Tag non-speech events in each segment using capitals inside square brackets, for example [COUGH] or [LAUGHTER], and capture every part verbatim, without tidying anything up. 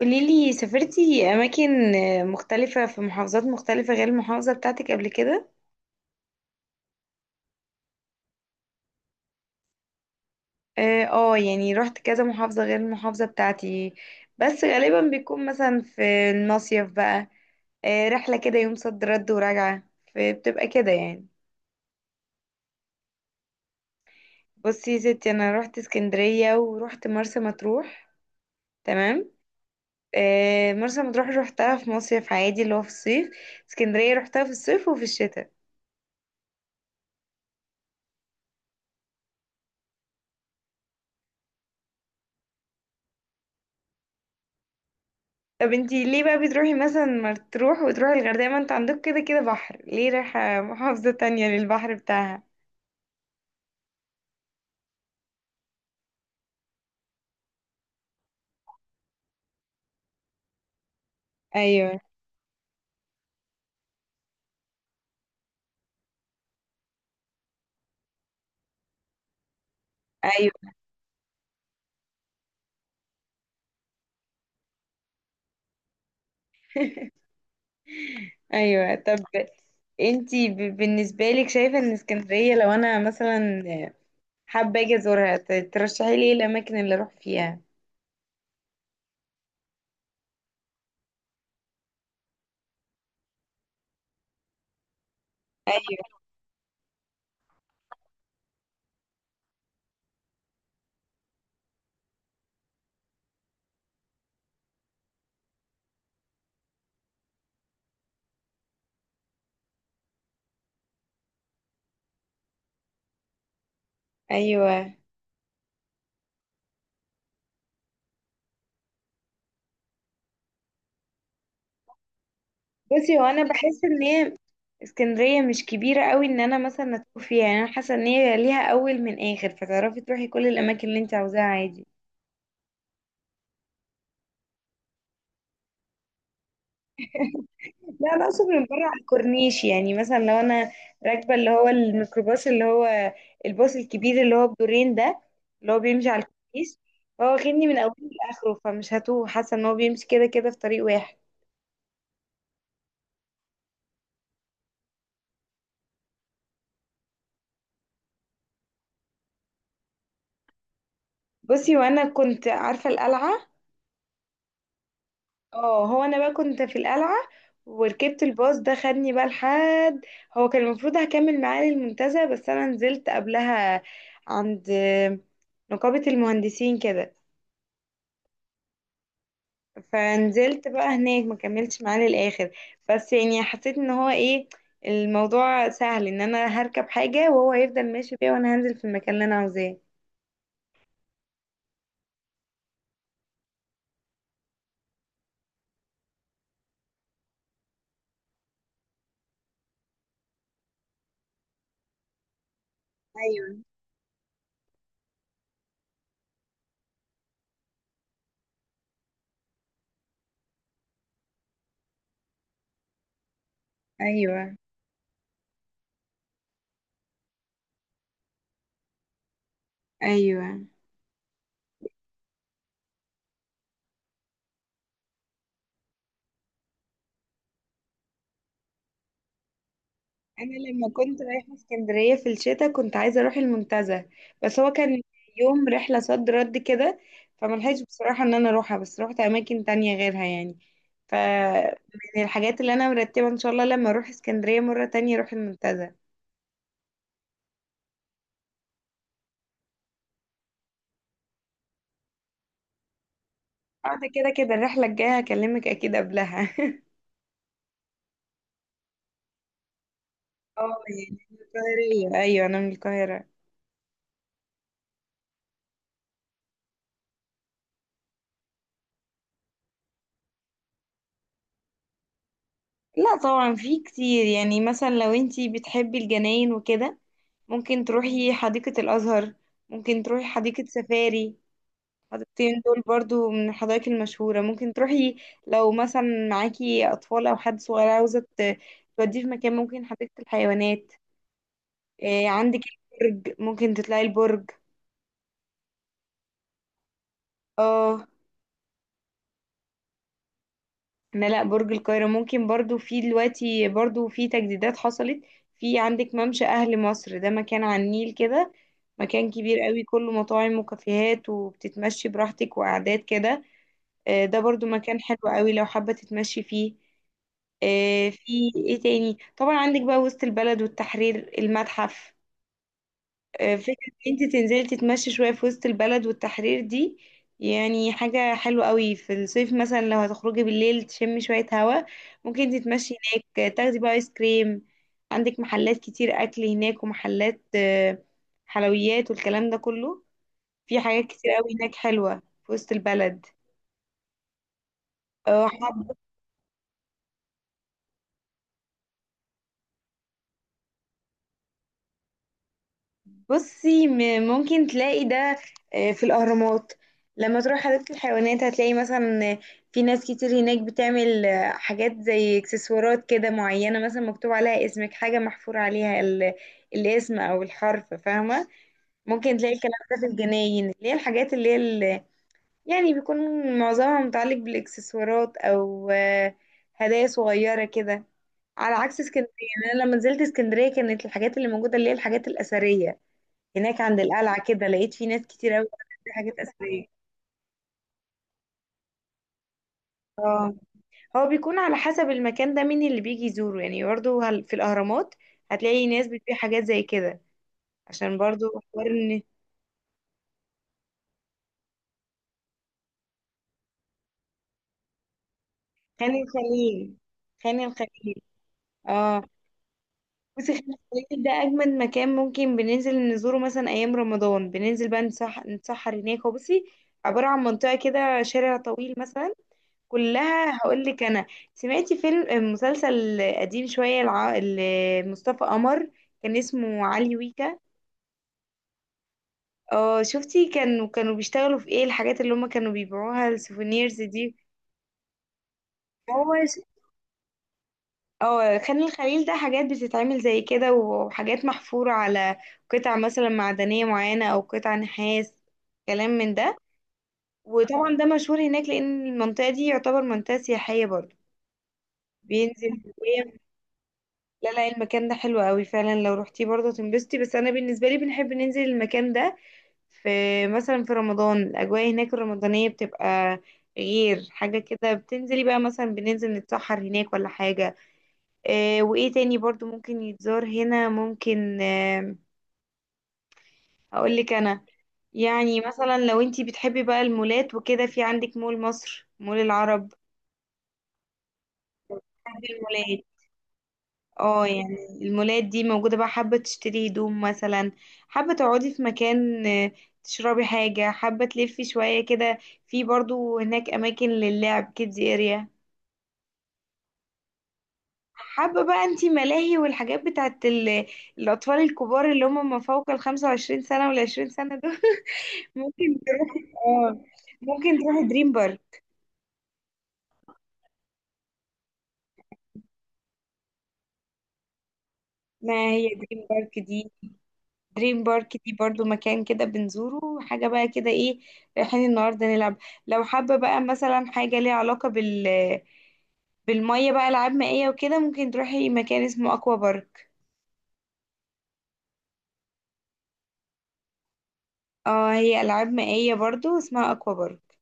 قوليلي، سافرتي أماكن آه، مختلفة في محافظات مختلفة غير المحافظة بتاعتك قبل كده؟ اه آه، يعني رحت كذا محافظة غير المحافظة بتاعتي. بس غالبا بيكون مثلا في المصيف بقى آه، رحلة كده، يوم صد رد وراجعة، فبتبقى كده يعني. بصي يا ستي، أنا رحت اسكندرية ورحت مرسى مطروح. تمام. آه، مرسى مطروح روحتها في مصيف عادي اللي هو في الصيف. اسكندرية روحتها في الصيف وفي الشتاء. طب انتي ليه بقى بتروحي مثلا مطروح وتروحي الغردقة؟ ما انت عندك كده كده بحر، ليه رايحة محافظة تانية للبحر بتاعها؟ ايوه. ايوه. ايوه، طب انتي ب- بالنسبة لك شايفة ان اسكندرية، لو انا مثلا حابة اجي ازورها، ت- ترشحي لي ايه الاماكن اللي اروح فيها؟ ايوه. ايوه. بصي، هو انا بحس ان هي اسكندرية مش كبيرة قوي ان انا مثلا اتوه فيها، يعني انا حاسة ان هي ليها اول من اخر، فتعرفي تروحي كل الاماكن اللي انت عاوزاها عادي. لا، انا اقصد من بره على الكورنيش. يعني مثلا لو انا راكبه اللي هو الميكروباص اللي هو الباص الكبير اللي هو بدورين ده، اللي هو بيمشي على الكورنيش، فهو واخدني من اوله لاخره، فمش هتوه، حاسه ان هو بيمشي كده كده في طريق واحد. بصي، وانا كنت عارفه القلعه. اه، هو انا بقى كنت في القلعه، وركبت الباص ده خدني بقى لحد. هو كان المفروض هكمل معاه للمنتزه، بس انا نزلت قبلها عند نقابه المهندسين كده. فنزلت بقى هناك، ما كملتش معاه للاخر. بس يعني حسيت ان هو ايه، الموضوع سهل، ان انا هركب حاجة وهو هيفضل ماشي بيها، وانا هنزل في المكان اللي انا عاوزاه. ايوه. ايوه. ايوه. انا لما كنت رايحة اسكندرية في الشتاء كنت عايزة اروح المنتزه، بس هو كان يوم رحلة صد رد كده، فملحقتش بصراحة ان انا اروحها، بس روحت اماكن تانية غيرها يعني. ف من الحاجات اللي انا مرتبة ان شاء الله، لما اروح اسكندرية مرة تانية اروح المنتزه. ده كده كده الرحلة الجاية هكلمك أكيد قبلها. [LAUGHS] اه، يعني من القاهرة. أيوة، أنا من القاهرة. لا طبعا، في كتير. يعني مثلا لو انتي بتحبي الجناين وكده، ممكن تروحي حديقة الأزهر، ممكن تروحي حديقة سفاري. الحديقتين دول برضو من الحدائق المشهورة ممكن تروحي. لو مثلا معاكي أطفال أو حد صغير عاوزة ت- توديه في مكان، ممكن حديقة الحيوانات. إيه عندك؟ البرج، ممكن تطلعي البرج. اه. لا لا، برج القاهرة ممكن برضو، في دلوقتي برضو في تجديدات حصلت. في عندك ممشى أهل مصر، ده مكان على النيل كده، مكان كبير قوي كله مطاعم وكافيهات وبتتمشي براحتك وقعدات كده. آه، ده برضو مكان حلو قوي لو حابة تتمشي فيه. آه، في ايه تاني، طبعا عندك بقى وسط البلد والتحرير، المتحف. آه، فكرة ان انت تنزلي تتمشي شوية في وسط البلد والتحرير دي، يعني حاجة حلوة قوي. في الصيف مثلا لو هتخرجي بالليل تشمي شوية هوا، ممكن تتمشي هناك، آه، تاخدي بقى ايس كريم. عندك محلات كتير اكل هناك، ومحلات آه، حلويات والكلام ده كله. في حاجات كتير قوي هناك حلوة في وسط البلد. آه، بصي، م- ممكن تلاقي ده آه، في الأهرامات. لما تروح حديقة الحيوانات هتلاقي مثلا آه، في ناس كتير هناك بتعمل آه، حاجات زي اكسسوارات كده معينة، مثلا مكتوب عليها اسمك، حاجة محفور عليها ال- الاسم أو الحرف، فاهمة؟ ممكن تلاقي الكلام ده في الجناين، اللي هي الحاجات اللي هي ال- يعني بيكون معظمها متعلق بالإكسسوارات أو آه، هدايا صغيرة كده. على عكس اسكندرية، يعني أنا لما نزلت اسكندرية كانت الحاجات اللي موجودة اللي هي الحاجات الأثرية. هناك عند القلعة كده لقيت فيه ناس كتير أوي بتعمل حاجات أثرية. اه. هو بيكون على حسب المكان ده مين اللي بيجي يزوره. يعني برضو هل في الأهرامات هتلاقي ناس بتبيع حاجات زي كده؟ عشان برضو حوار إن. خان الخليل. خان الخليل. اه. بصي، خان الخليل ده أجمد مكان. ممكن بننزل نزوره مثلا أيام رمضان، بننزل بقى نتسح- نتسحر هناك. هو بصي عبارة عن منطقة كده، شارع طويل مثلا، كلها. هقول لك انا، سمعتي فيلم آه، مسلسل قديم شويه الع... مصطفى قمر، كان اسمه علي ويكا؟ اه. شفتي كانوا كانوا بيشتغلوا في ايه؟ الحاجات اللي هم كانوا بيبيعوها السوفينيرز دي. هو ش- اه، خان الخليل ده حاجات بتتعمل زي كده، وحاجات محفورة على قطع مثلا معدنية معينة او قطع نحاس، كلام من ده. وطبعا ده مشهور هناك لان المنطقة دي يعتبر منطقة سياحية برضو، بينزل. لا لا، المكان ده حلو قوي فعلا، لو روحتيه برضه تنبسطي. بس انا بالنسبه لي بنحب ننزل المكان ده في مثلا في رمضان، الاجواء هناك الرمضانيه بتبقى غير، حاجه كده، بتنزلي بقى مثلا، بننزل نتسحر هناك ولا حاجه. آه، وايه تاني برضه ممكن يتزار هنا؟ ممكن آه، اقول لك انا. يعني مثلا لو انتي بتحبي بقى المولات وكده، في عندك مول مصر، مول العرب. بحب المولات. اه، يعني المولات دي موجودة بقى، حابة تشتري هدوم مثلا، حابة تقعدي في مكان آه، تشربي حاجة، حابة تلفي شوية كده. في برضو هناك أماكن للعب، كيدز اريا. حابة بقى انتي ملاهي والحاجات بتاعت ال- الأطفال الكبار اللي هم ما فوق الخمسة وعشرين سنة والعشرين سنة دول. [LAUGHS] ممكن تروحي اه، ممكن تروحي دريم بارك. ما هي دريم بارك دي، دريم بارك دي برضو مكان كده بنزوره. حاجة بقى كده ايه، رايحين النهاردة نلعب. لو حابة بقى مثلا حاجة ليها علاقة بال بالمية بقى، ألعاب مائية وكده، ممكن تروحي مكان اسمه أكوا بارك. اه، هي ألعاب مائية برضو، اسمها أكوا بارك.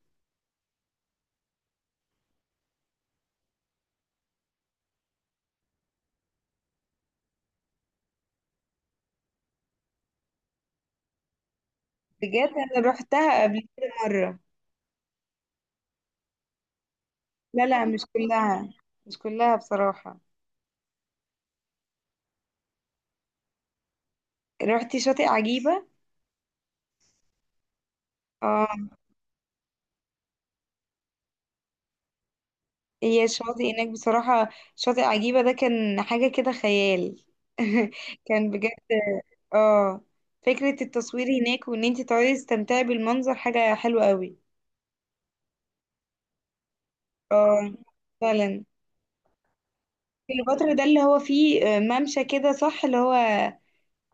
بجد، أنا روحتها قبل كده مرة. لا لا، مش كلها، مش كلها بصراحة. روحتي شاطئ عجيبة؟ اه، هي الشاطئ هناك بصراحة، شاطئ عجيبة ده كان حاجة كده خيال. [LAUGHS] كان بجد. اه، فكرة التصوير هناك، وان انت تقعدي تستمتعي بالمنظر حاجة حلوة قوي. اه، فعلا. الفترة ده اللي هو فيه آه، ممشى كده، صح؟ اللي هو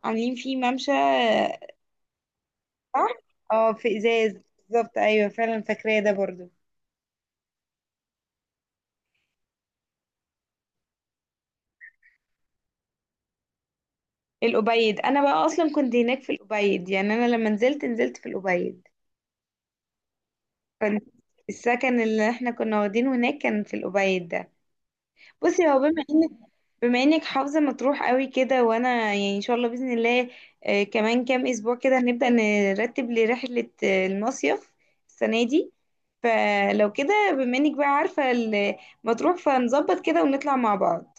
عاملين فيه ممشى آه. صح. اه، في ازاز، بالظبط. ايوه فعلا، فاكراه ده برضو. الأبيض، انا بقى اصلا كنت هناك في الأبيض. يعني انا لما نزلت نزلت في الأبيض. كنت، السكن اللي احنا كنا واخدينه هناك كان في الأبيد ده. بصي، هو بما انك بما انك حافظة مطروح قوي كده، وانا يعني ان شاء الله بإذن الله آه، كمان كام اسبوع كده هنبدأ نرتب لرحلة آه، المصيف السنة دي، فلو كده بما انك بقى عارفة ال- مطروح، فنظبط كده ونطلع مع بعض.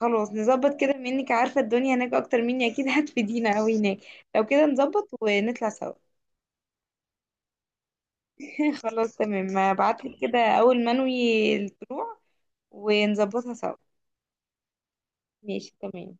خلاص، نظبط كده، بما انك عارفة الدنيا هناك اكتر مني اكيد هتفيدينا قوي هناك. لو كده نظبط ونطلع سوا. [LAUGHS] خلاص تمام، هبعتلك كده اول ما انوي الطلوع ونظبطها سوا. ماشي تمام.